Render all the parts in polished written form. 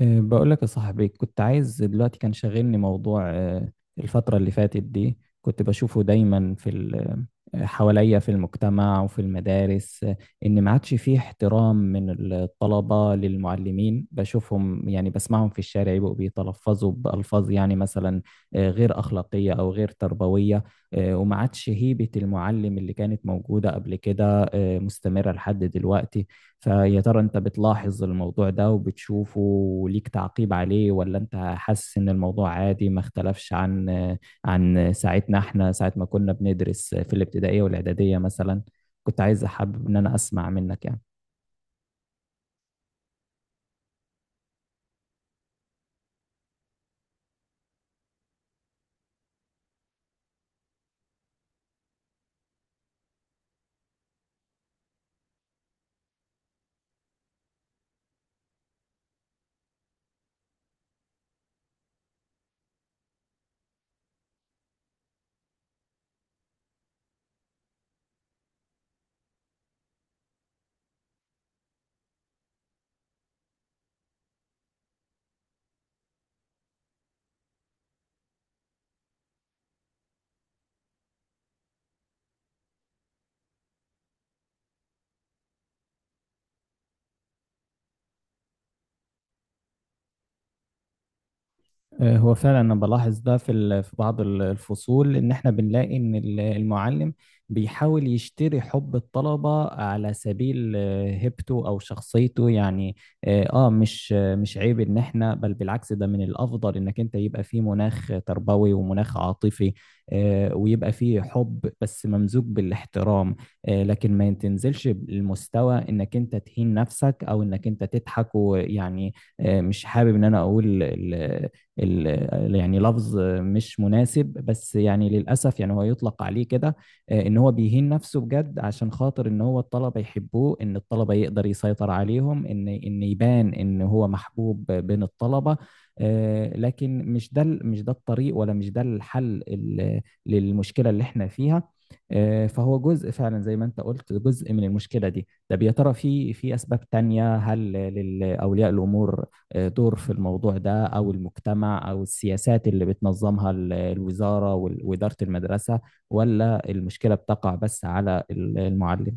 بقول لك يا صاحبي، كنت عايز دلوقتي، كان شاغلني موضوع. الفترة اللي فاتت دي كنت بشوفه دايما في ال- أه، حواليا، في المجتمع وفي المدارس. إن ما عادش فيه احترام من الطلبة للمعلمين، بشوفهم يعني بسمعهم في الشارع يبقوا بيتلفظوا بألفاظ يعني مثلا غير أخلاقية أو غير تربوية. وما عادش هيبة المعلم اللي كانت موجودة قبل كده مستمرة لحد دلوقتي. فيا ترى انت بتلاحظ الموضوع ده وبتشوفه وليك تعقيب عليه، ولا انت حاسس ان الموضوع عادي ما اختلفش عن ساعتنا احنا، ساعة ما كنا بندرس في الابتدائية والاعدادية مثلا؟ كنت عايز احابب ان انا اسمع منك يعني. هو فعلا انا بلاحظ ده في في بعض الفصول، ان احنا بنلاقي ان المعلم بيحاول يشتري حب الطلبة على سبيل هيبته او شخصيته يعني. مش عيب ان احنا بالعكس، ده من الافضل انك انت يبقى فيه مناخ تربوي ومناخ عاطفي، ويبقى فيه حب بس ممزوج بالاحترام. لكن ما تنزلش للمستوى انك انت تهين نفسك او انك انت تضحك ويعني مش حابب ان انا اقول يعني لفظ مش مناسب، بس يعني للأسف يعني هو يطلق عليه كده. إن هو بيهين نفسه بجد عشان خاطر إن هو الطلبة يحبوه، إن الطلبة يقدر يسيطر عليهم، إن يبان إن هو محبوب بين الطلبة. لكن مش ده الطريق، ولا مش ده الحل للمشكلة اللي إحنا فيها. فهو جزء فعلا زي ما انت قلت، جزء من المشكلة دي. طب يا ترى، في أسباب تانية؟ هل لأولياء الأمور دور في الموضوع ده، او المجتمع، او السياسات اللي بتنظمها الوزارة وإدارة المدرسة؟ ولا المشكلة بتقع بس على المعلم؟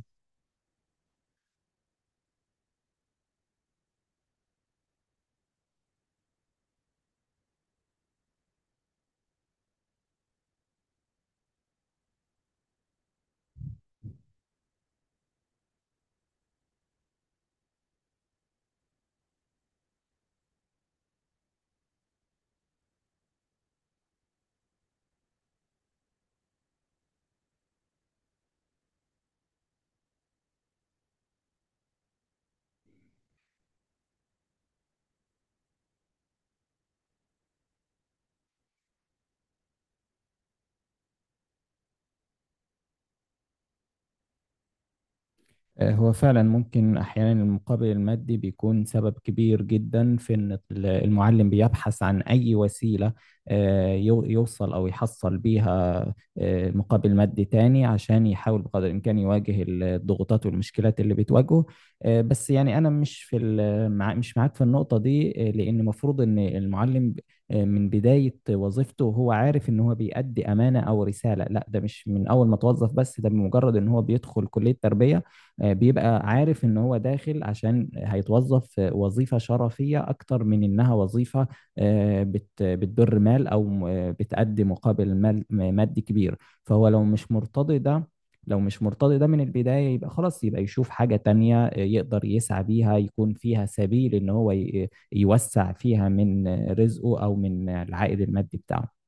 هو فعلا ممكن أحيانا المقابل المادي بيكون سبب كبير جدا في إن المعلم بيبحث عن أي وسيلة يوصل أو يحصل بيها مقابل مادي تاني، عشان يحاول بقدر الإمكان يواجه الضغوطات والمشكلات اللي بتواجهه. بس يعني أنا مش معاك في النقطة دي. لأن المفروض إن المعلم من بداية وظيفته هو عارف إن هو بيأدي أمانة أو رسالة. لا ده مش من أول ما توظف، بس ده بمجرد إن هو بيدخل كلية تربية. بيبقى عارف ان هو داخل عشان هيتوظف في وظيفة شرفية، اكتر من انها وظيفة بتدر مال، او بتأدي مقابل مادي كبير. فهو لو مش مرتضي ده من البداية، يبقى خلاص يبقى يشوف حاجة تانية يقدر يسعى بيها، يكون فيها سبيل ان هو يوسع فيها من رزقه او من العائد المادي بتاعه.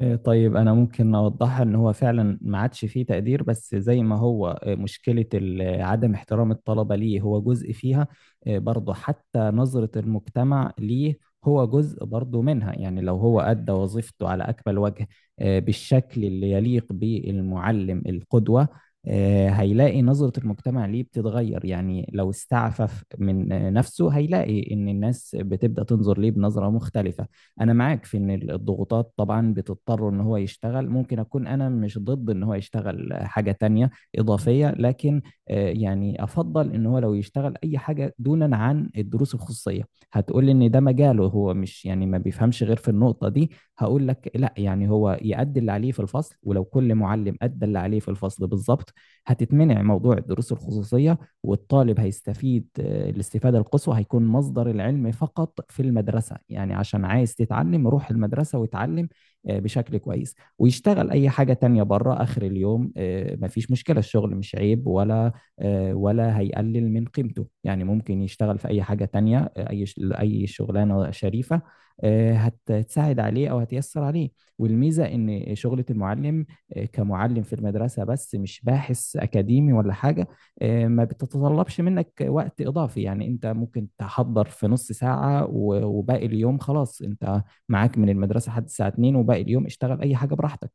إيه، طيب أنا ممكن أوضحها. إن هو فعلا ما عادش فيه تقدير، بس زي ما هو مشكلة عدم احترام الطلبة ليه، هو جزء فيها. برضه حتى نظرة المجتمع ليه، هو جزء برضه منها. يعني لو هو أدى وظيفته على أكمل وجه، بالشكل اللي يليق بالمعلم القدوة، هيلاقي نظرة المجتمع ليه بتتغير. يعني لو استعفف من نفسه، هيلاقي إن الناس بتبدأ تنظر ليه بنظرة مختلفة. انا معاك في ان الضغوطات طبعا بتضطره ان هو يشتغل. ممكن اكون انا مش ضد ان هو يشتغل حاجة تانية اضافية، لكن يعني افضل ان هو لو يشتغل اي حاجة دونا عن الدروس الخصوصية. هتقول ان ده مجاله، هو مش يعني ما بيفهمش غير في النقطة دي. هقول لك لا، يعني هو يأدي اللي عليه في الفصل، ولو كل معلم أدى اللي عليه في الفصل بالظبط، هتتمنع موضوع الدروس الخصوصية. والطالب هيستفيد الاستفادة القصوى، هيكون مصدر العلم فقط في المدرسة. يعني عشان عايز تتعلم، روح المدرسة وتعلم بشكل كويس، ويشتغل أي حاجة تانية بره آخر اليوم. مفيش مشكلة، الشغل مش عيب ولا ولا هيقلل من قيمته. يعني ممكن يشتغل في أي حاجة تانية، أي شغلانة شريفة هتساعد عليه أو هتيسر عليه. والميزة إن شغلة المعلم كمعلم في المدرسة، بس مش باحث أكاديمي ولا حاجة، ما بتتطلبش منك وقت إضافي. يعني أنت ممكن تحضر في نص ساعة وباقي اليوم خلاص. أنت معاك من المدرسة لحد الساعة 2، وباقي اليوم اشتغل أي حاجة براحتك.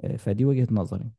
فدي وجهة نظري.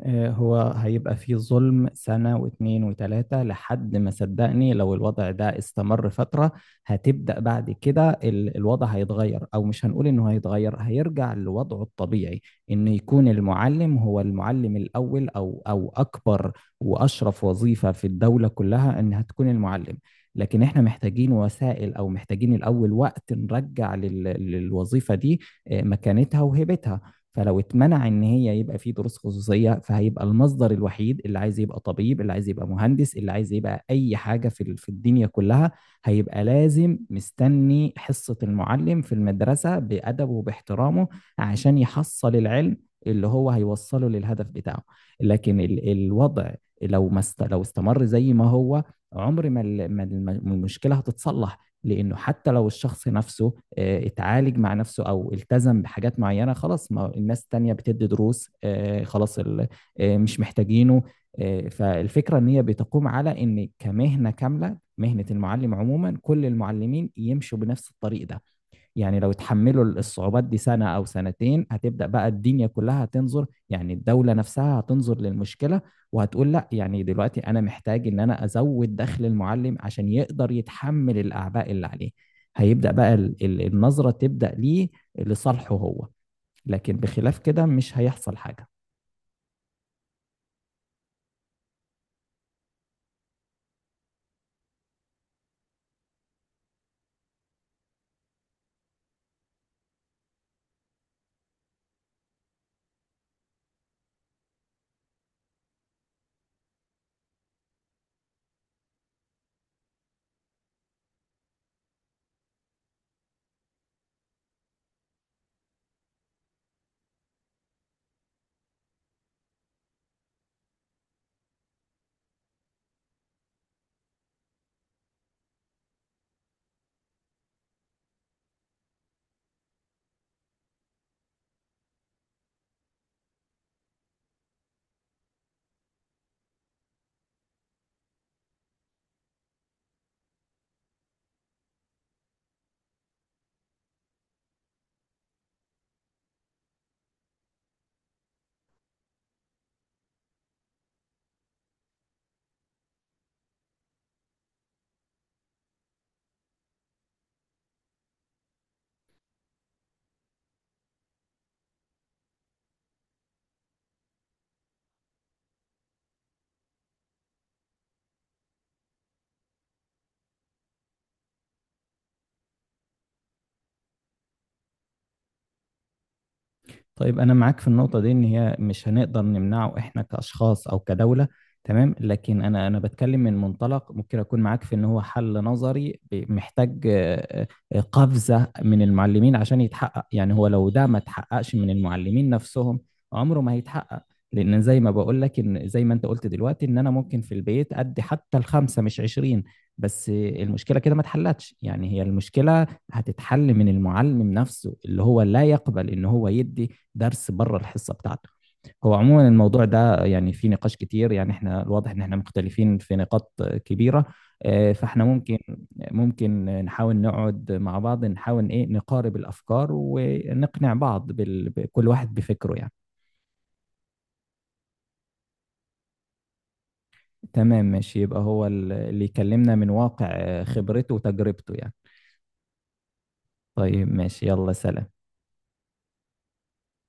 هو هيبقى فيه ظلم سنة واتنين وتلاتة، لحد ما، صدقني، لو الوضع ده استمر فترة، هتبدأ بعد كده الوضع هيتغير، أو مش هنقول إنه هيتغير، هيرجع لوضعه الطبيعي. إن يكون المعلم هو المعلم الأول، أو أكبر وأشرف وظيفة في الدولة كلها، إنها تكون المعلم. لكن إحنا محتاجين وسائل، أو محتاجين الأول وقت، نرجع للوظيفة دي مكانتها وهيبتها. فلو اتمنع ان هي يبقى في دروس خصوصيه، فهيبقى المصدر الوحيد. اللي عايز يبقى طبيب، اللي عايز يبقى مهندس، اللي عايز يبقى اي حاجه في الدنيا كلها، هيبقى لازم مستني حصه المعلم في المدرسه، بادبه وباحترامه، عشان يحصل العلم اللي هو هيوصله للهدف بتاعه. لكن الوضع لو استمر زي ما هو، عمر ما المشكله هتتصلح. لانه حتى لو الشخص نفسه اتعالج مع نفسه او التزم بحاجات معينه، خلاص، ما الناس التانية بتدي دروس. آه، خلاص ال- آه، مش محتاجينه. فالفكره ان هي بتقوم على ان كمهنه كامله، مهنه المعلم عموما، كل المعلمين يمشوا بنفس الطريق ده. يعني لو تحملوا الصعوبات دي سنة أو سنتين، هتبدأ بقى الدنيا كلها هتنظر، يعني الدولة نفسها هتنظر للمشكلة، وهتقول لا، يعني دلوقتي أنا محتاج إن أنا أزود دخل المعلم عشان يقدر يتحمل الأعباء اللي عليه. هيبدأ بقى النظرة تبدأ ليه، لصالحه هو. لكن بخلاف كده مش هيحصل حاجة. طيب أنا معاك في النقطة دي، إن هي مش هنقدر نمنعه إحنا كأشخاص أو كدولة. تمام، لكن أنا بتكلم من منطلق، ممكن أكون معاك في إن هو حل نظري، محتاج قفزة من المعلمين عشان يتحقق. يعني هو لو ده ما اتحققش من المعلمين نفسهم، عمره ما هيتحقق. لأن زي ما بقول لك، إن زي ما أنت قلت دلوقتي، إن أنا ممكن في البيت أدي حتى الخمسة مش 20. بس المشكلة كده ما اتحلتش. يعني هي المشكلة هتتحل من المعلم نفسه، اللي هو لا يقبل ان هو يدي درس بره الحصه بتاعته. هو عموما الموضوع ده يعني في نقاش كتير، يعني احنا الواضح ان احنا مختلفين في نقاط كبيره. فاحنا ممكن نحاول نقعد مع بعض، نحاول ايه نقارب الافكار ونقنع بعض بكل واحد بفكره يعني. تمام ماشي، يبقى هو اللي يكلمنا من واقع خبرته وتجربته يعني. طيب ماشي، يلا سلام.